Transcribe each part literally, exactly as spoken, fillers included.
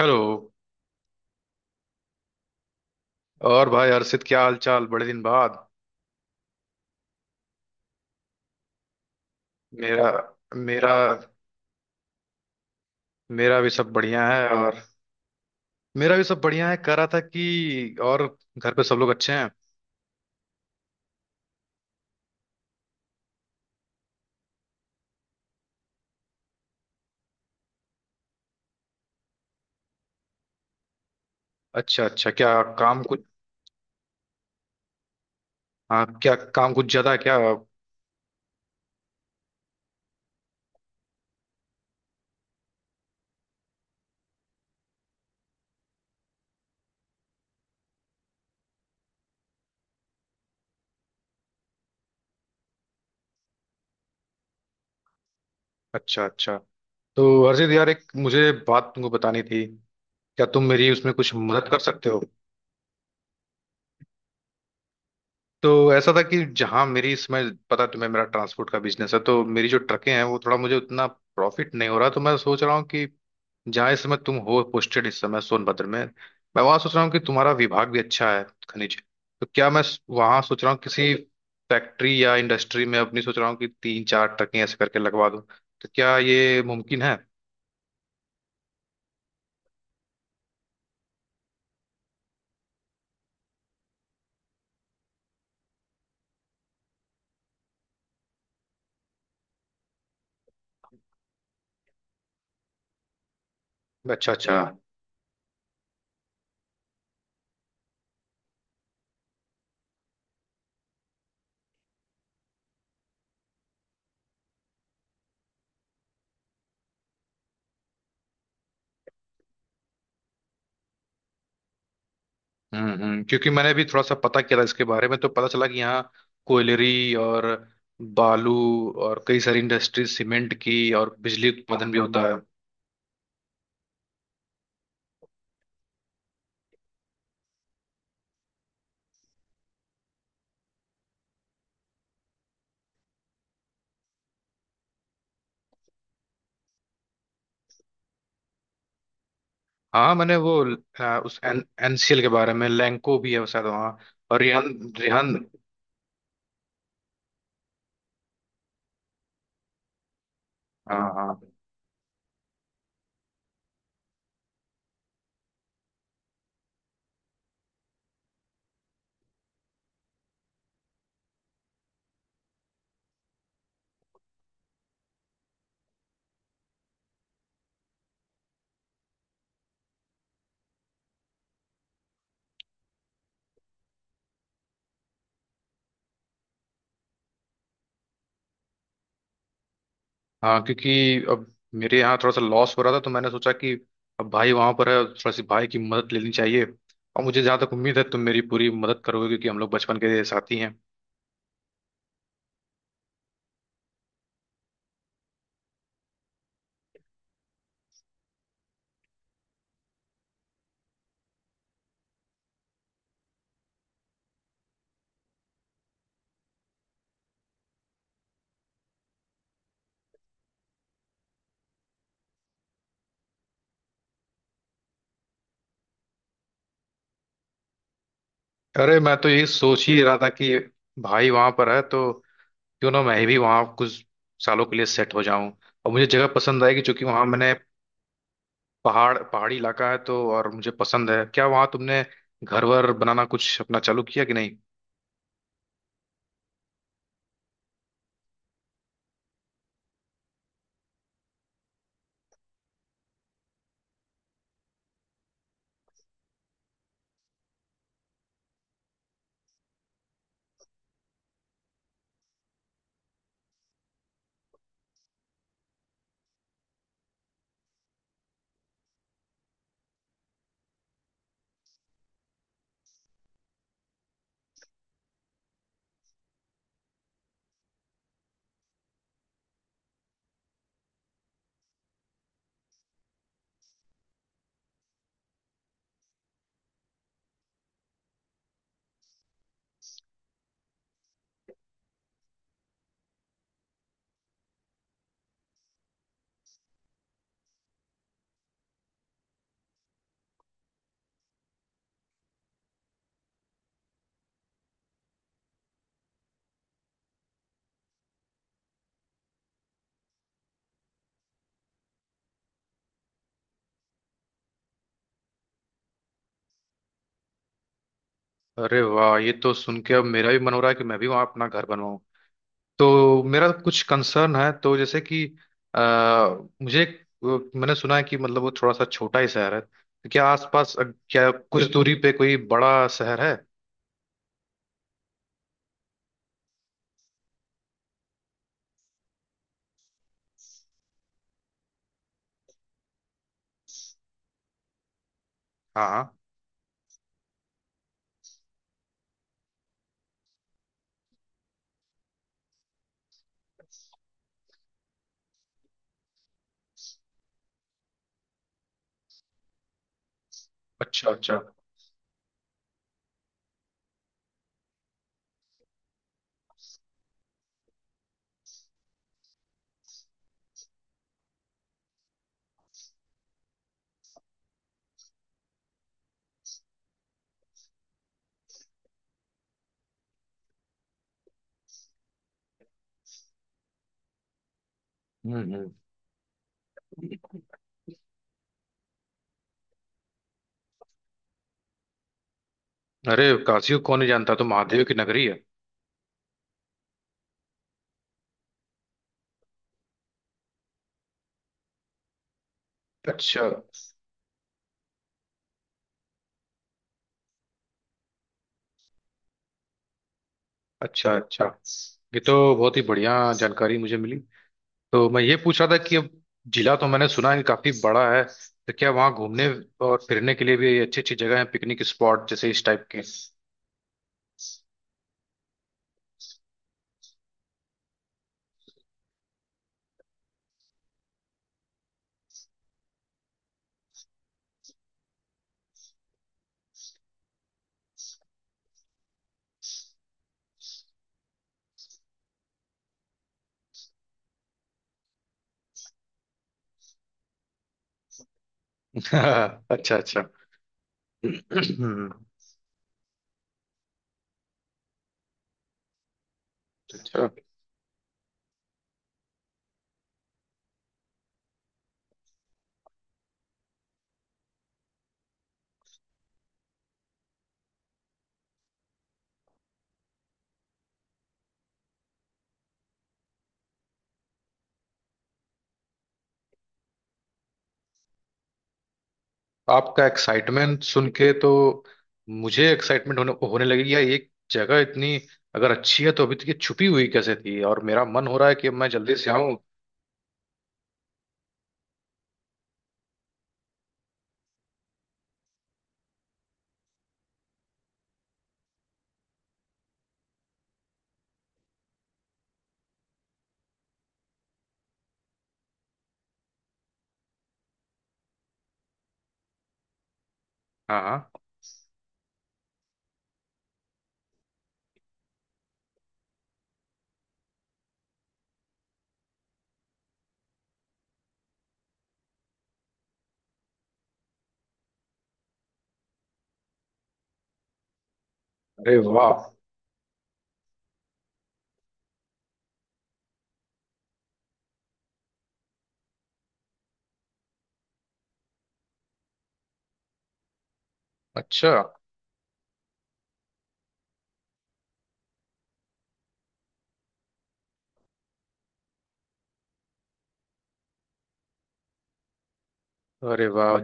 Hello. और भाई हर्षित, क्या हाल चाल, बड़े दिन बाद। मेरा मेरा मेरा भी सब बढ़िया है। और मेरा भी सब बढ़िया है, कह रहा था कि। और घर पे सब लोग अच्छे हैं? अच्छा अच्छा। क्या काम कुछ, हाँ क्या काम कुछ ज्यादा है क्या? अच्छा अच्छा। तो हर्षित यार, एक मुझे बात तुमको बतानी थी। क्या तुम मेरी उसमें कुछ मदद कर सकते हो? तो ऐसा था कि जहाँ मेरी इसमें, पता है तुम्हें मेरा ट्रांसपोर्ट का बिजनेस है, तो मेरी जो ट्रकें हैं वो थोड़ा, मुझे उतना प्रॉफिट नहीं हो रहा, तो मैं सोच रहा हूँ कि जहाँ इस समय तुम हो पोस्टेड, इस समय सोनभद्र में, मैं वहाँ सोच रहा हूँ कि तुम्हारा विभाग भी अच्छा है, खनिज। तो क्या मैं स- वहाँ सोच रहा हूँ किसी फैक्ट्री या इंडस्ट्री में, अपनी सोच रहा हूँ कि तीन चार ट्रकें ऐसे करके लगवा दूँ। तो क्या ये मुमकिन है? अच्छा अच्छा। हम्म हम्म, क्योंकि मैंने भी थोड़ा सा पता किया था इसके बारे में, तो पता चला कि यहाँ कोयलरी और बालू और कई सारी इंडस्ट्रीज, सीमेंट की, और बिजली उत्पादन भी होता है। हाँ मैंने वो, आ, उस एन, एनसीएल के बारे में, लैंको भी है शायद वहाँ, और रिहान, रिहान। हाँ हाँ हाँ। क्योंकि अब मेरे यहाँ थोड़ा सा लॉस हो रहा था, तो मैंने सोचा कि अब भाई वहाँ पर है, थोड़ा सी भाई की मदद लेनी चाहिए। और मुझे जहाँ तक उम्मीद है, तुम मेरी पूरी मदद करोगे, क्योंकि हम लोग बचपन के साथी हैं। अरे मैं तो यही सोच ही रहा था कि भाई वहां पर है तो क्यों ना मैं भी वहां कुछ सालों के लिए सेट हो जाऊं। और मुझे जगह पसंद आएगी, क्योंकि वहां मैंने, पहाड़, पहाड़ी इलाका है तो, और मुझे पसंद है। क्या वहां तुमने घर वर बनाना कुछ अपना चालू किया कि नहीं? अरे वाह, ये तो सुन के अब मेरा भी मन हो रहा है कि मैं भी वहां अपना घर बनवाऊं। तो मेरा कुछ कंसर्न है, तो जैसे कि आ, मुझे एक- मैंने सुना है कि मतलब वो थोड़ा सा छोटा ही शहर है, तो क्या आसपास, अ, क्या कुछ दूरी पे कोई बड़ा शहर है? हाँ हाँ। अच्छा अच्छा। हम्म हम्म। अरे काशी को कौन नहीं जानता, तो महादेव की नगरी है। अच्छा अच्छा। अच्छा ये तो बहुत ही बढ़िया जानकारी मुझे मिली। तो मैं ये पूछ रहा था कि अब जिला तो मैंने सुना है कि काफी बड़ा है, तो क्या वहाँ घूमने और फिरने के लिए भी अच्छी अच्छी जगह है, पिकनिक स्पॉट जैसे इस टाइप के? अच्छा अच्छा। हम्म। अच्छा। आपका एक्साइटमेंट सुन के तो मुझे एक्साइटमेंट होने होने लगी यार। ये जगह इतनी अगर अच्छी है, तो अभी तक ये छुपी हुई कैसे थी? और मेरा मन हो रहा है कि अब मैं जल्दी से आऊं। हाँ हाँ। अरे वाह। अच्छा। अरे वाह।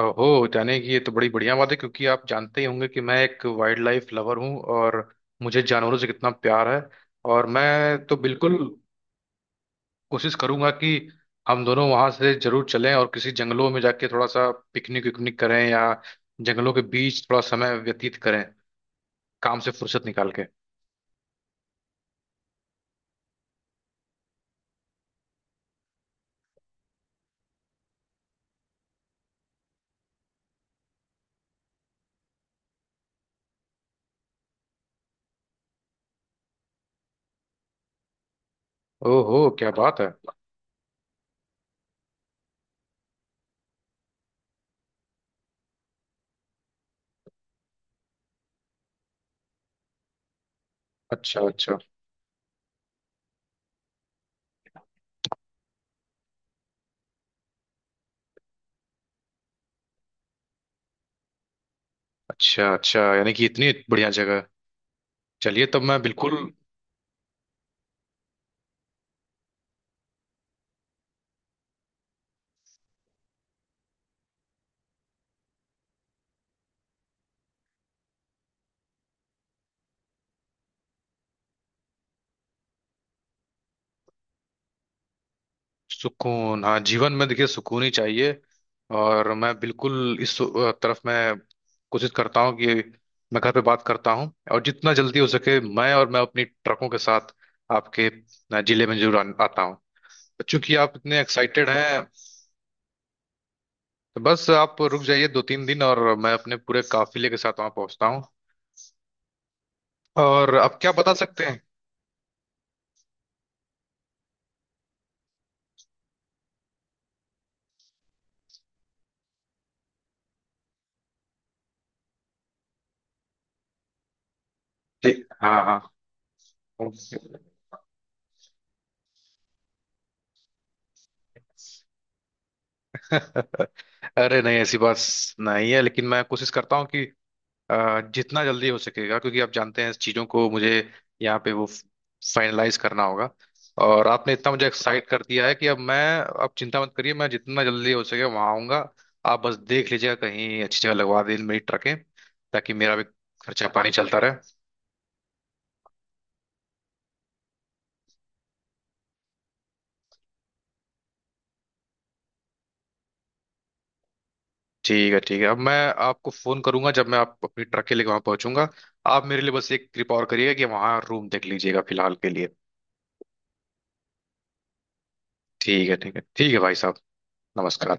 ओहो, यानी कि ये तो बड़ी बढ़िया बात है, क्योंकि आप जानते ही होंगे कि मैं एक वाइल्ड लाइफ लवर हूँ, और मुझे जानवरों से कितना प्यार है। और मैं तो बिल्कुल कोशिश करूंगा कि हम दोनों वहां से जरूर चलें, और किसी जंगलों में जाके थोड़ा सा पिकनिक विकनिक करें, या जंगलों के बीच थोड़ा समय व्यतीत करें काम से फुर्सत निकाल के। ओहो क्या बात है। अच्छा अच्छा। अच्छा अच्छा, यानी कि इतनी बढ़िया जगह। चलिए, तब मैं बिल्कुल। सुकून, हाँ जीवन में देखिए सुकून ही चाहिए। और मैं बिल्कुल इस सु- तरफ मैं कोशिश करता हूँ कि मैं घर पे बात करता हूँ, और जितना जल्दी हो सके मैं, और मैं अपनी ट्रकों के साथ आपके अ, जिले में जरूर आन- आता हूँ। चूंकि आप इतने एक्साइटेड हैं, तो बस आप रुक जाइए दो तीन दिन और, मैं अपने पूरे काफिले के साथ वहां पहुंचता हूँ। और आप क्या बता सकते हैं। जी। हाँ हाँ। अरे नहीं ऐसी बात नहीं है, लेकिन मैं कोशिश करता हूँ कि अ, जितना जल्दी हो सकेगा, क्योंकि आप जानते हैं इस चीज़ों को मुझे यहाँ पे वो फाइनलाइज करना होगा। और आपने इतना मुझे एक्साइट कर दिया है कि अब मैं, अब चिंता मत करिए, मैं जितना जल्दी हो सके वहाँ आऊँगा। आप बस देख लीजिएगा कहीं अच्छी जगह लगवा दें मेरी ट्रकें, ताकि मेरा भी खर्चा पानी चलता रहे। ठीक है ठीक है। अब मैं आपको फ़ोन करूंगा जब मैं, आप अपनी ट्रक के लिए वहाँ पहुँचूंगा। आप मेरे लिए बस एक कृपा और करिएगा कि वहाँ रूम देख लीजिएगा फिलहाल के लिए। ठीक है ठीक है ठीक है भाई साहब। नमस्कार।